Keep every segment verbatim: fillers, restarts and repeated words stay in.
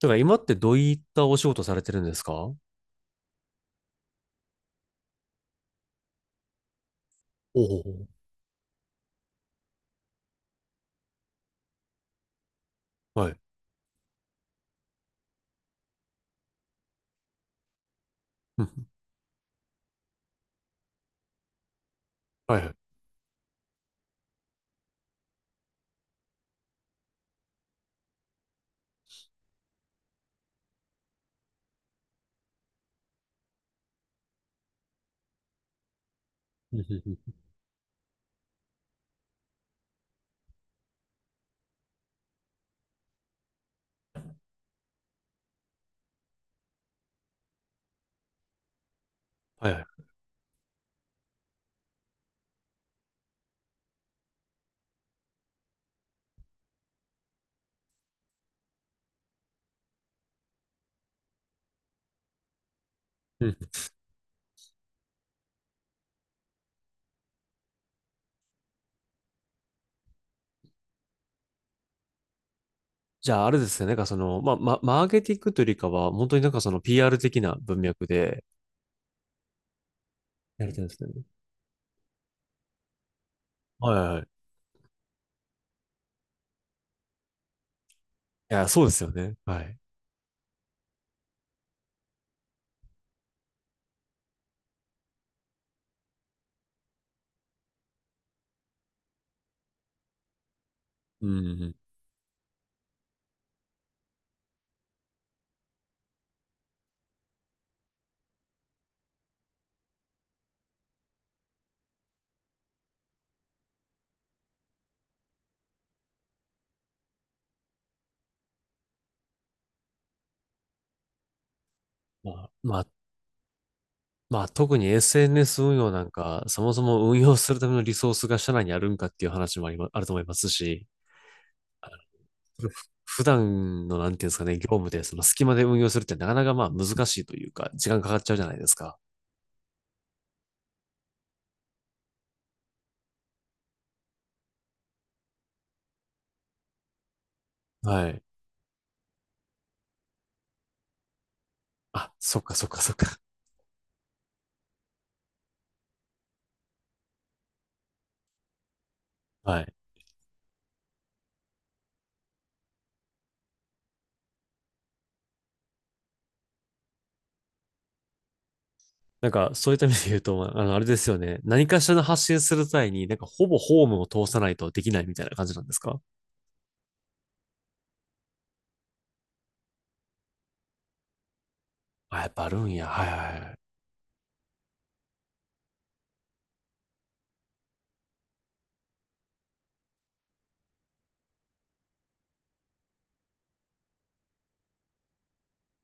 だから今ってどういったお仕事されてるんですか？おお。はい。うんうん。はいはい。うんうんうん。はいはい。うん。じゃあ、あれですね。なんかその、まあ、ま、マーケティングというよりかは、本当になんかその ピーアール 的な文脈でやれてるんですね。はいはい。いや、そうですよね。はい。うんうんうん。まあ、まあ、まあ、特に エスエヌエス 運用なんか、そもそも運用するためのリソースが社内にあるんかっていう話もありま、あると思いますし、普段の、なんていうんですかね、業務で、その隙間で運用するってなかなかまあ難しいというか、時間かかっちゃうじゃないですか。はい。あ、そっかそっかそっか。はい。なんか、そういった意味で言うと、まああの、あれですよね。何かしらの発信する際に、なんか、ほぼホームを通さないとできないみたいな感じなんですか？あ、やっぱあるんや。はいはい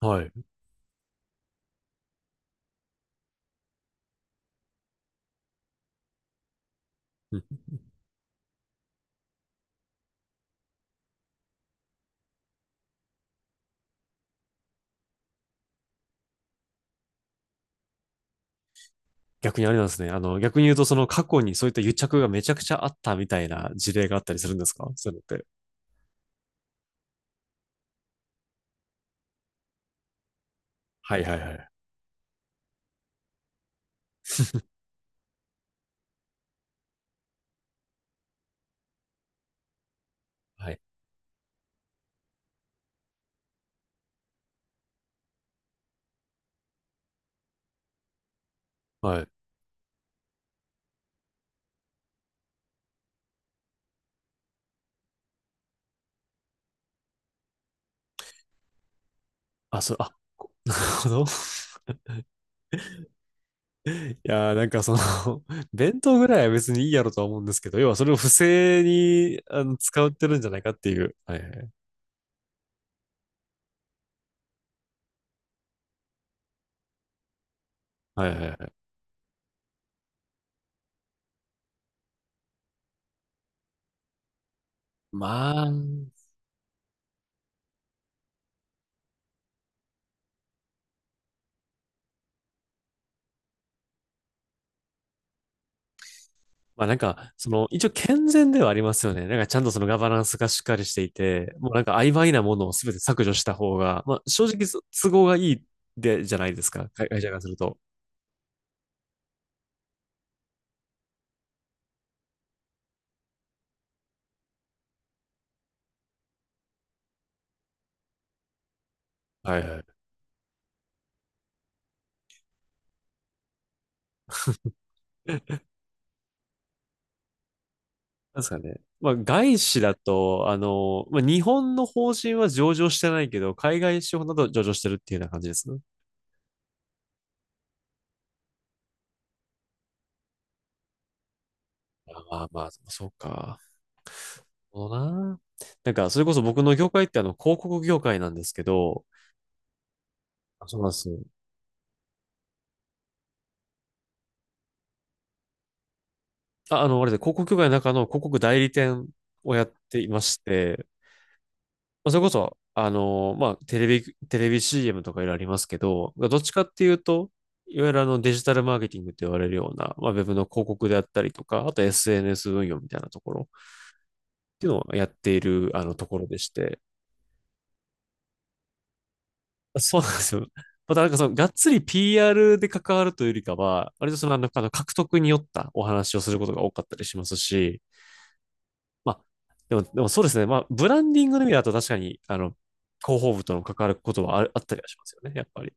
はい。はい。うん。逆にあれなんですね。あの、逆に言うと、その過去にそういった癒着がめちゃくちゃあったみたいな事例があったりするんですかそういうのって。はいはいはい。はい。はい。あ、そう、あ、なるほど。いやー、なんかその 弁当ぐらいは別にいいやろとは思うんですけど、要はそれを不正にあの使ってるんじゃないかっていう。はいはい。はいはいはい。まあ、まあなんか、その、一応健全ではありますよね。なんかちゃんとそのガバナンスがしっかりしていて、もうなんか曖昧なものを全て削除した方が、まあ正直そ都合がいいで、じゃないですか。会会社からすると。はいはい。なんですかね。まあ、外資だと、あの、まあ、日本の法人は上場してないけど、海外資本だと上場してるっていうような感じですね。ああ、まあ、そうか。そうな。なんか、それこそ僕の業界ってあの、広告業界なんですけど、あ、そうなんですよ。あ、あの、あれで、広告業界の中の広告代理店をやっていまして、まあそれこそ、あの、まあ、テレビ、テレビ シーエム とかいろいろありますけど、どっちかっていうと、いわゆるあのデジタルマーケティングって言われるような、まあ、ウェブの広告であったりとか、あと エスエヌエス 運用みたいなところっていうのをやっているあのところでして、そうなんですよ。またなんかその、がっつり ピーアール で関わるというよりかは、割とその、なんかあの獲得によったお話をすることが多かったりしますし、まあ、でも、でもそうですね。まあ、ブランディングの意味だと確かに、あの、広報部との関わることはあるあったりはしますよね、やっぱり。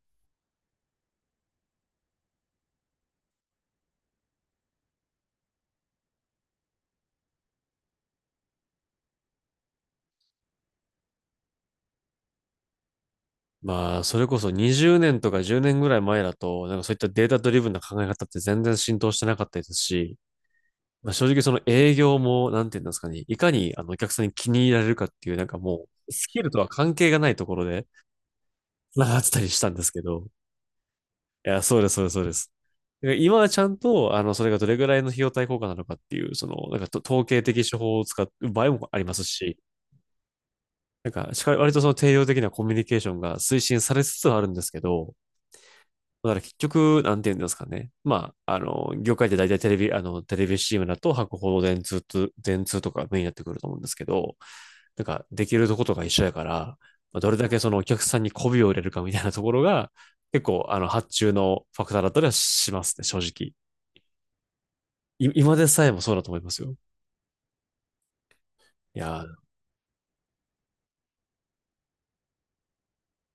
まあ、それこそにじゅうねんとかじゅうねんぐらい前だと、なんかそういったデータドリブンな考え方って全然浸透してなかったですし、まあ、正直その営業も、なんていうんですかね、いかにあのお客さんに気に入られるかっていう、なんかもう、スキルとは関係がないところで、なかったりしたんですけど。いや、そうです、そうです、そうです。今はちゃんと、あの、それがどれぐらいの費用対効果なのかっていう、その、なんかと統計的手法を使う場合もありますし、なんか、しか割とその定量的なコミュニケーションが推進されつつあるんですけど、だから結局、なんて言うんですかね。まあ、あの、業界で大体テレビ、あの、テレビシーエムだと博報、電通と、電通とかメインになってくると思うんですけど、なんか、できるとことが一緒やから、まあどれだけそのお客さんに媚びを入れるかみたいなところが、結構、あの、発注のファクターだったりはしますね、正直。い今でさえもそうだと思いますよ。いやー、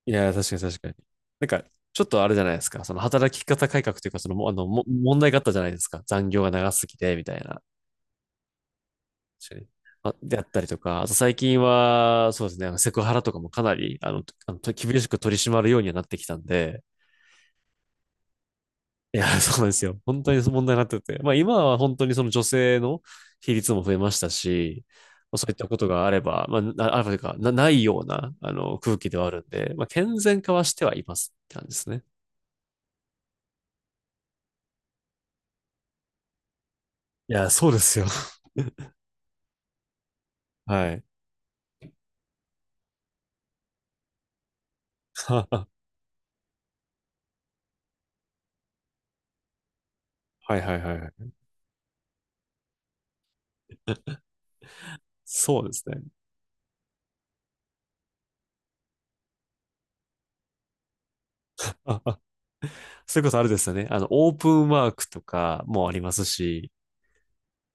いやー、確かに確かに。なんか、ちょっとあれじゃないですか。その働き方改革というか、その、もあの、も問題があったじゃないですか。残業が長すぎて、みたいな。確かに。あ、であったりとか、あと最近は、そうですね、あのセクハラとかもかなり、あの、あの、と厳しく取り締まるようにはなってきたんで、いや、そうなんですよ。本当に問題になってて。まあ今は本当にその女性の比率も増えましたし、まあそういったことがあれば、まあ、なあるというか、な、ないような、あの、空気ではあるんで、まあ健全化はしてはいますって感じですね。いや、そうですよ。はい。はいはいはいはい。そうですね。あ、あそういうことあるですよね。あの、オープンワークとかもありますし、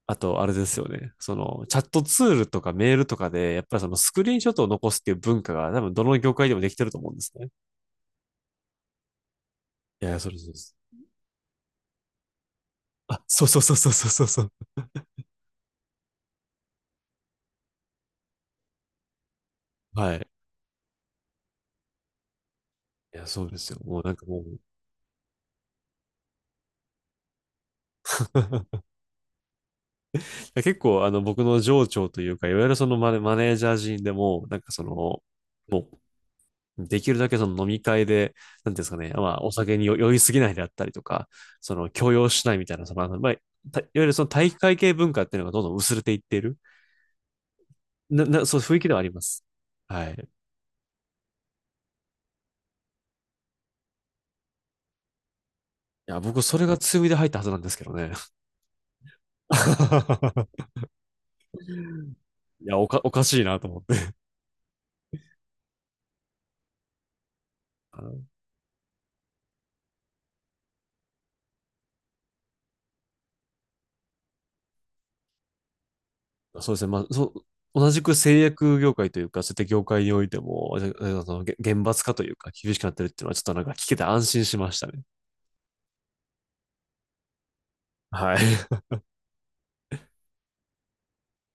あと、あれですよね。その、チャットツールとかメールとかで、やっぱりそのスクリーンショットを残すっていう文化が多分どの業界でもできてると思うんですね。いや、そうですそうです。あ、そうそうそうそうそうそう。はい。いや、そうですよ。もうなんかもう 結構あの僕の上長というか、いわゆるそのマネ、マネージャー陣でも、なんかその、できるだけその飲み会で、なんていうんですかね、まあお酒に酔酔いすぎないであったりとか、その強要しないみたいな、その、あのまあ、たいわゆるその体育会系文化っていうのがどんどん薄れていっている。な、な、そう、雰囲気ではあります。はい。いや、僕、それが強みで入ったはずなんですけどね。いや、おか、おかしいなと思って。あのそうですね。まあ、そう、同じく製薬業界というか、そういった業界においても、あの、厳罰化というか、厳しくなってるっていうのは、ちょっとなんか聞けて安心しましたね。はい。